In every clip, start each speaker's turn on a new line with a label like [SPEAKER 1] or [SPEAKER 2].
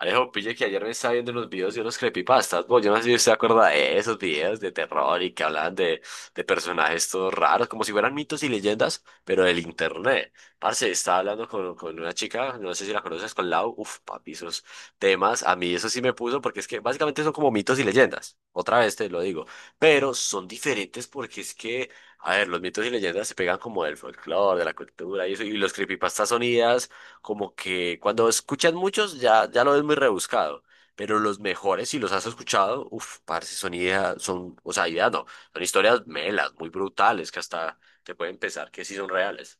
[SPEAKER 1] Alejo, pille que ayer me estaba viendo unos videos de unos creepypastas. Bueno, yo no sé si usted se acuerda de esos videos de terror y que hablaban de personajes todos raros, como si fueran mitos y leyendas, pero del internet. Parce, estaba hablando con una chica, no sé si la conoces, con Lau. Uf, papi, esos temas, a mí eso sí me puso, porque es que básicamente son como mitos y leyendas. Otra vez te lo digo. Pero son diferentes porque es que, a ver, los mitos y leyendas se pegan como del folclore, de la cultura y eso, y los creepypastas son ideas como que cuando escuchas muchos ya, ya lo ves muy rebuscado, pero los mejores, si los has escuchado, uff, parce, son ideas, son, o sea, ideas no, son historias melas, muy brutales, que hasta te pueden pensar que sí son reales.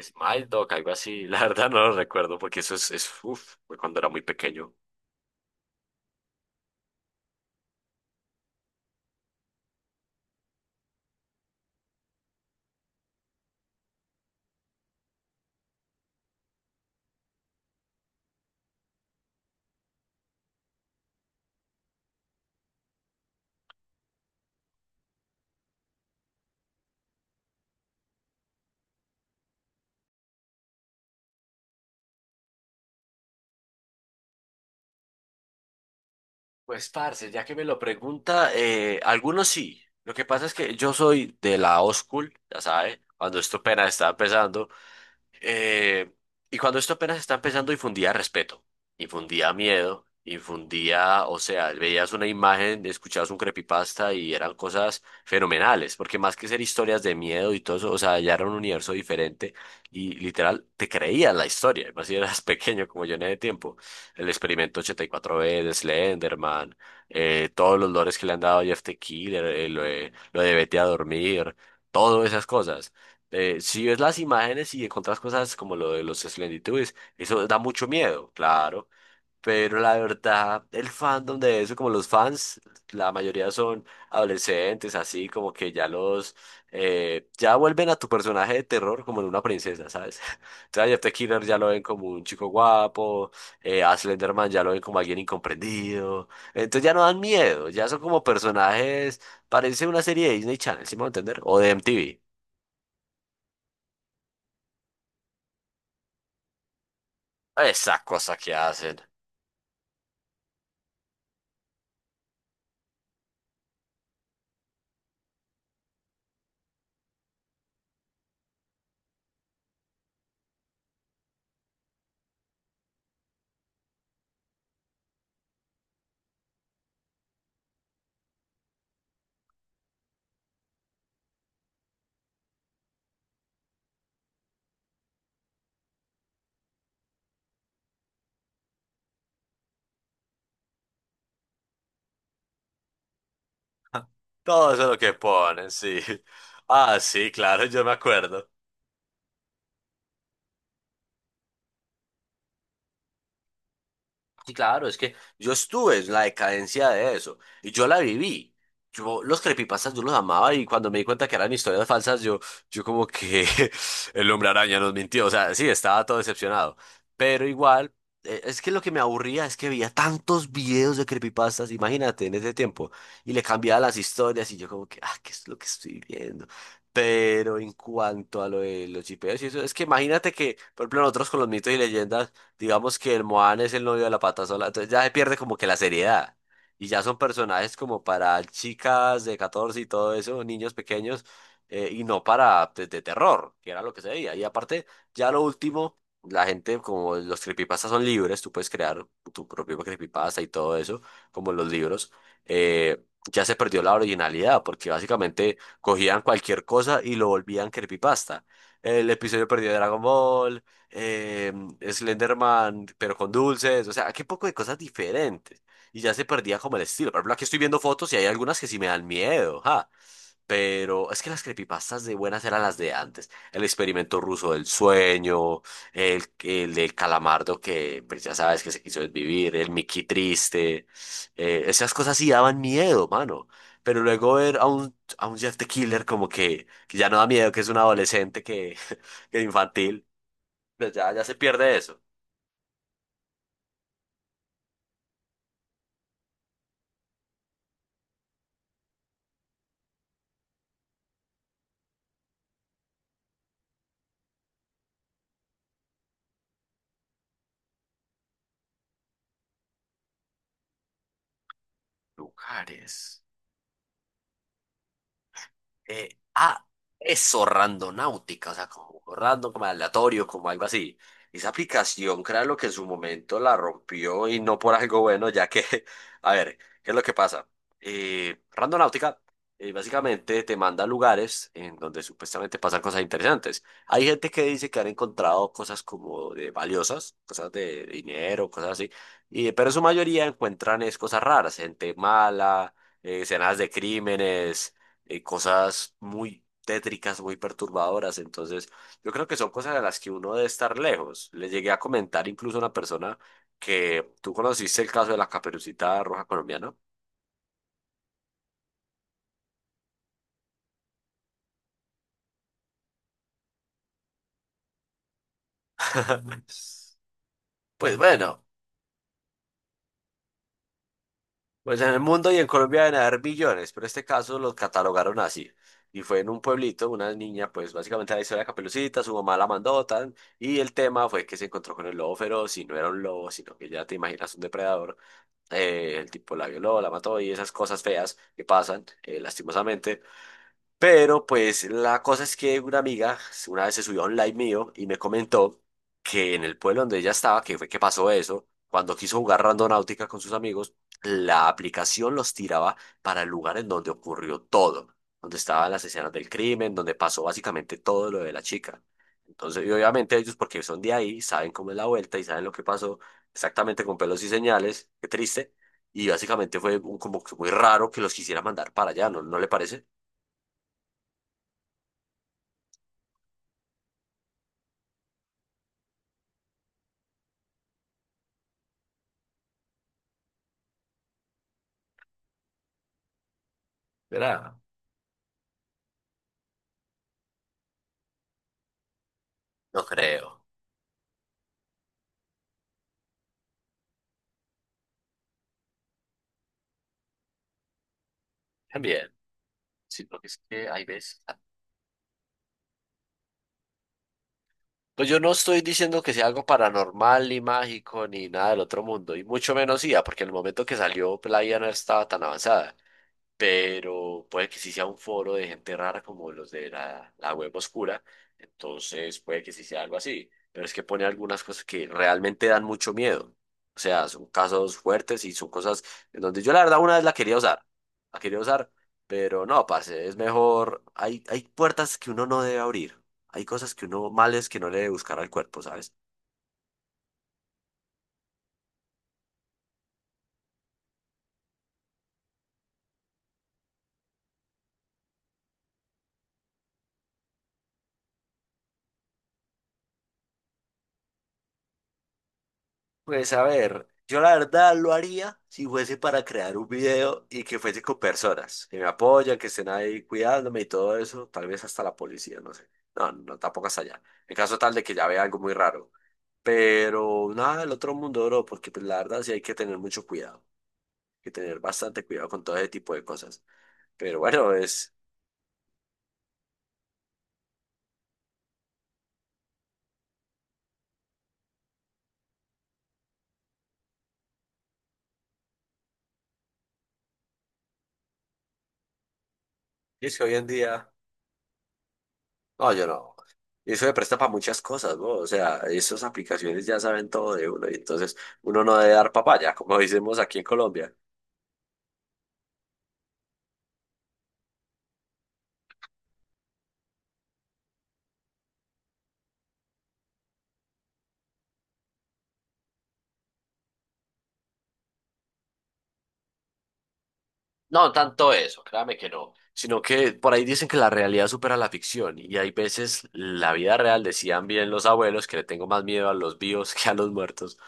[SPEAKER 1] Smile Dog, algo así, la verdad no lo recuerdo porque eso es uff, fue cuando era muy pequeño. Pues, parce, ya que me lo pregunta, algunos sí. Lo que pasa es que yo soy de la old school, ya sabe, cuando esto apenas estaba empezando. Eh, y cuando esto apenas está empezando, infundía respeto, infundía miedo, infundía, o sea, veías una imagen, escuchabas un creepypasta y eran cosas fenomenales, porque más que ser historias de miedo y todo eso, o sea, ya era un universo diferente y literal te creías la historia, más si eras pequeño como yo en ese tiempo. El experimento 84 b de Slenderman, todos los lores que le han dado a Jeff the Killer, lo de vete a dormir, todas esas cosas si ves las imágenes y encuentras cosas como lo de los Slendytubbies, eso da mucho miedo, claro. Pero la verdad, el fandom de eso, como los fans, la mayoría son adolescentes, así como que ya vuelven a tu personaje de terror como en una princesa, ¿sabes? Entonces a Jeff the Killer ya lo ven como un chico guapo, a Slenderman ya lo ven como alguien incomprendido. Entonces ya no dan miedo, ya son como personajes, parece una serie de Disney Channel, ¿sí me voy a entender? O de MTV. Esas cosas que hacen. Todo eso es lo que ponen, sí. Ah, sí, claro, yo me acuerdo. Sí, claro, es que yo estuve en la decadencia de eso y yo la viví. Yo los creepypastas yo los amaba y cuando me di cuenta que eran historias falsas, yo como que el hombre araña nos mintió. O sea, sí, estaba todo decepcionado. Pero igual, es que lo que me aburría es que veía tantos videos de creepypastas, imagínate, en ese tiempo, y le cambiaba las historias y yo como que, ah, ¿qué es lo que estoy viendo? Pero en cuanto a lo de los chipeos y eso, es que imagínate que, por ejemplo, nosotros con los mitos y leyendas digamos que el Moan es el novio de la pata sola, entonces ya se pierde como que la seriedad. Y ya son personajes como para chicas de 14 y todo eso, niños pequeños, y no para pues, terror, que era lo que se veía. Y aparte, ya lo último, la gente, como los creepypastas son libres, tú puedes crear tu propio creepypasta y todo eso, como los libros, eh, ya se perdió la originalidad, porque básicamente cogían cualquier cosa y lo volvían creepypasta. El episodio perdido de Dragon Ball, eh, Slenderman, pero con dulces, o sea, qué poco de cosas diferentes. Y ya se perdía como el estilo. Por ejemplo, aquí estoy viendo fotos y hay algunas que sí me dan miedo, ja. Pero es que las creepypastas de buenas eran las de antes. El experimento ruso del sueño, el del calamardo que pues ya sabes que se quiso desvivir, el Mickey triste. Esas cosas sí daban miedo, mano. Pero luego ver a un Jeff the Killer como que ya no da miedo, que es un adolescente que, que infantil. Pero ya, ya se pierde eso. Lugares. Eh, ah, eso, randonáutica, o sea, como random, como aleatorio, como algo así. Esa aplicación, lo que en su momento la rompió y no por algo bueno, ya que, a ver, ¿qué es lo que pasa? Randonáutica, básicamente te manda a lugares en donde supuestamente pasan cosas interesantes. Hay gente que dice que han encontrado cosas como de valiosas, cosas de dinero, cosas así, pero en su mayoría encuentran es cosas raras, gente mala, escenas de crímenes, cosas muy tétricas, muy perturbadoras. Entonces, yo creo que son cosas de las que uno debe estar lejos. Le llegué a comentar incluso a una persona que tú conociste el caso de la Caperucita Roja colombiana. Pues bueno, pues en el mundo y en Colombia deben haber billones, pero este caso lo catalogaron así. Y fue en un pueblito, una niña, pues básicamente la historia de la Caperucita, su mamá la mandó, tan, y el tema fue que se encontró con el lobo feroz, y no era un lobo, sino que ya te imaginas un depredador. El tipo la violó, la mató y esas cosas feas que pasan, lastimosamente. Pero pues la cosa es que una amiga una vez se subió a un live mío y me comentó que en el pueblo donde ella estaba, que fue que pasó eso, cuando quiso jugar Randonáutica con sus amigos, la aplicación los tiraba para el lugar en donde ocurrió todo, donde estaban las escenas del crimen, donde pasó básicamente todo lo de la chica. Entonces, y obviamente ellos, porque son de ahí, saben cómo es la vuelta y saben lo que pasó exactamente con pelos y señales, qué triste. Y básicamente fue como que muy raro que los quisiera mandar para allá, ¿no le parece? Verá. No creo. También. Sí, porque es que hay veces. Pues yo no estoy diciendo que sea algo paranormal, ni mágico, ni nada del otro mundo, y mucho menos IA, porque en el momento que salió, pues, la IA no estaba tan avanzada. Pero puede que sí sea un foro de gente rara como los de la web oscura, entonces puede que sí sea algo así, pero es que pone algunas cosas que realmente dan mucho miedo, o sea, son casos fuertes y son cosas en donde yo la verdad una vez la quería usar, pero no, parce, es mejor, hay puertas que uno no debe abrir, hay cosas que uno males que no le debe buscar al cuerpo, ¿sabes? Pues a ver, yo la verdad lo haría si fuese para crear un video y que fuese con personas que me apoyan, que estén ahí cuidándome y todo eso, tal vez hasta la policía, no sé. No, no, tampoco hasta allá. En caso tal de que ya vea algo muy raro. Pero nada del otro mundo, bro, porque pues, la verdad sí hay que tener mucho cuidado, hay que tener bastante cuidado con todo ese tipo de cosas. Pero bueno, es, que hoy en día. No, yo no. Eso se presta para muchas cosas, ¿no? O sea, esas aplicaciones ya saben todo de uno y entonces uno no debe dar papaya, como decimos aquí en Colombia. No, no tanto eso, créame que no, sino que por ahí dicen que la realidad supera la ficción y hay veces la vida real, decían bien los abuelos, que le tengo más miedo a los vivos que a los muertos,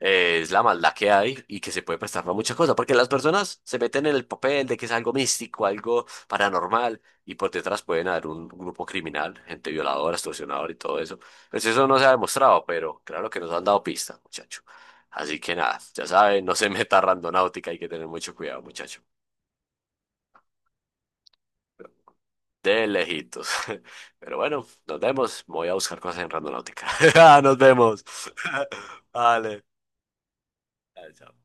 [SPEAKER 1] es la maldad que hay y que se puede prestar para muchas cosas, porque las personas se meten en el papel de que es algo místico, algo paranormal y por detrás pueden haber un grupo criminal, gente violadora, extorsionadora y todo eso. Pues eso no se ha demostrado, pero claro que nos han dado pistas, muchacho. Así que nada, ya saben, no se meta a Randonáutica, hay que tener mucho cuidado, muchacho. De lejitos. Pero bueno, nos vemos. Voy a buscar cosas en Randonáutica. Nos vemos. Vale. Chao.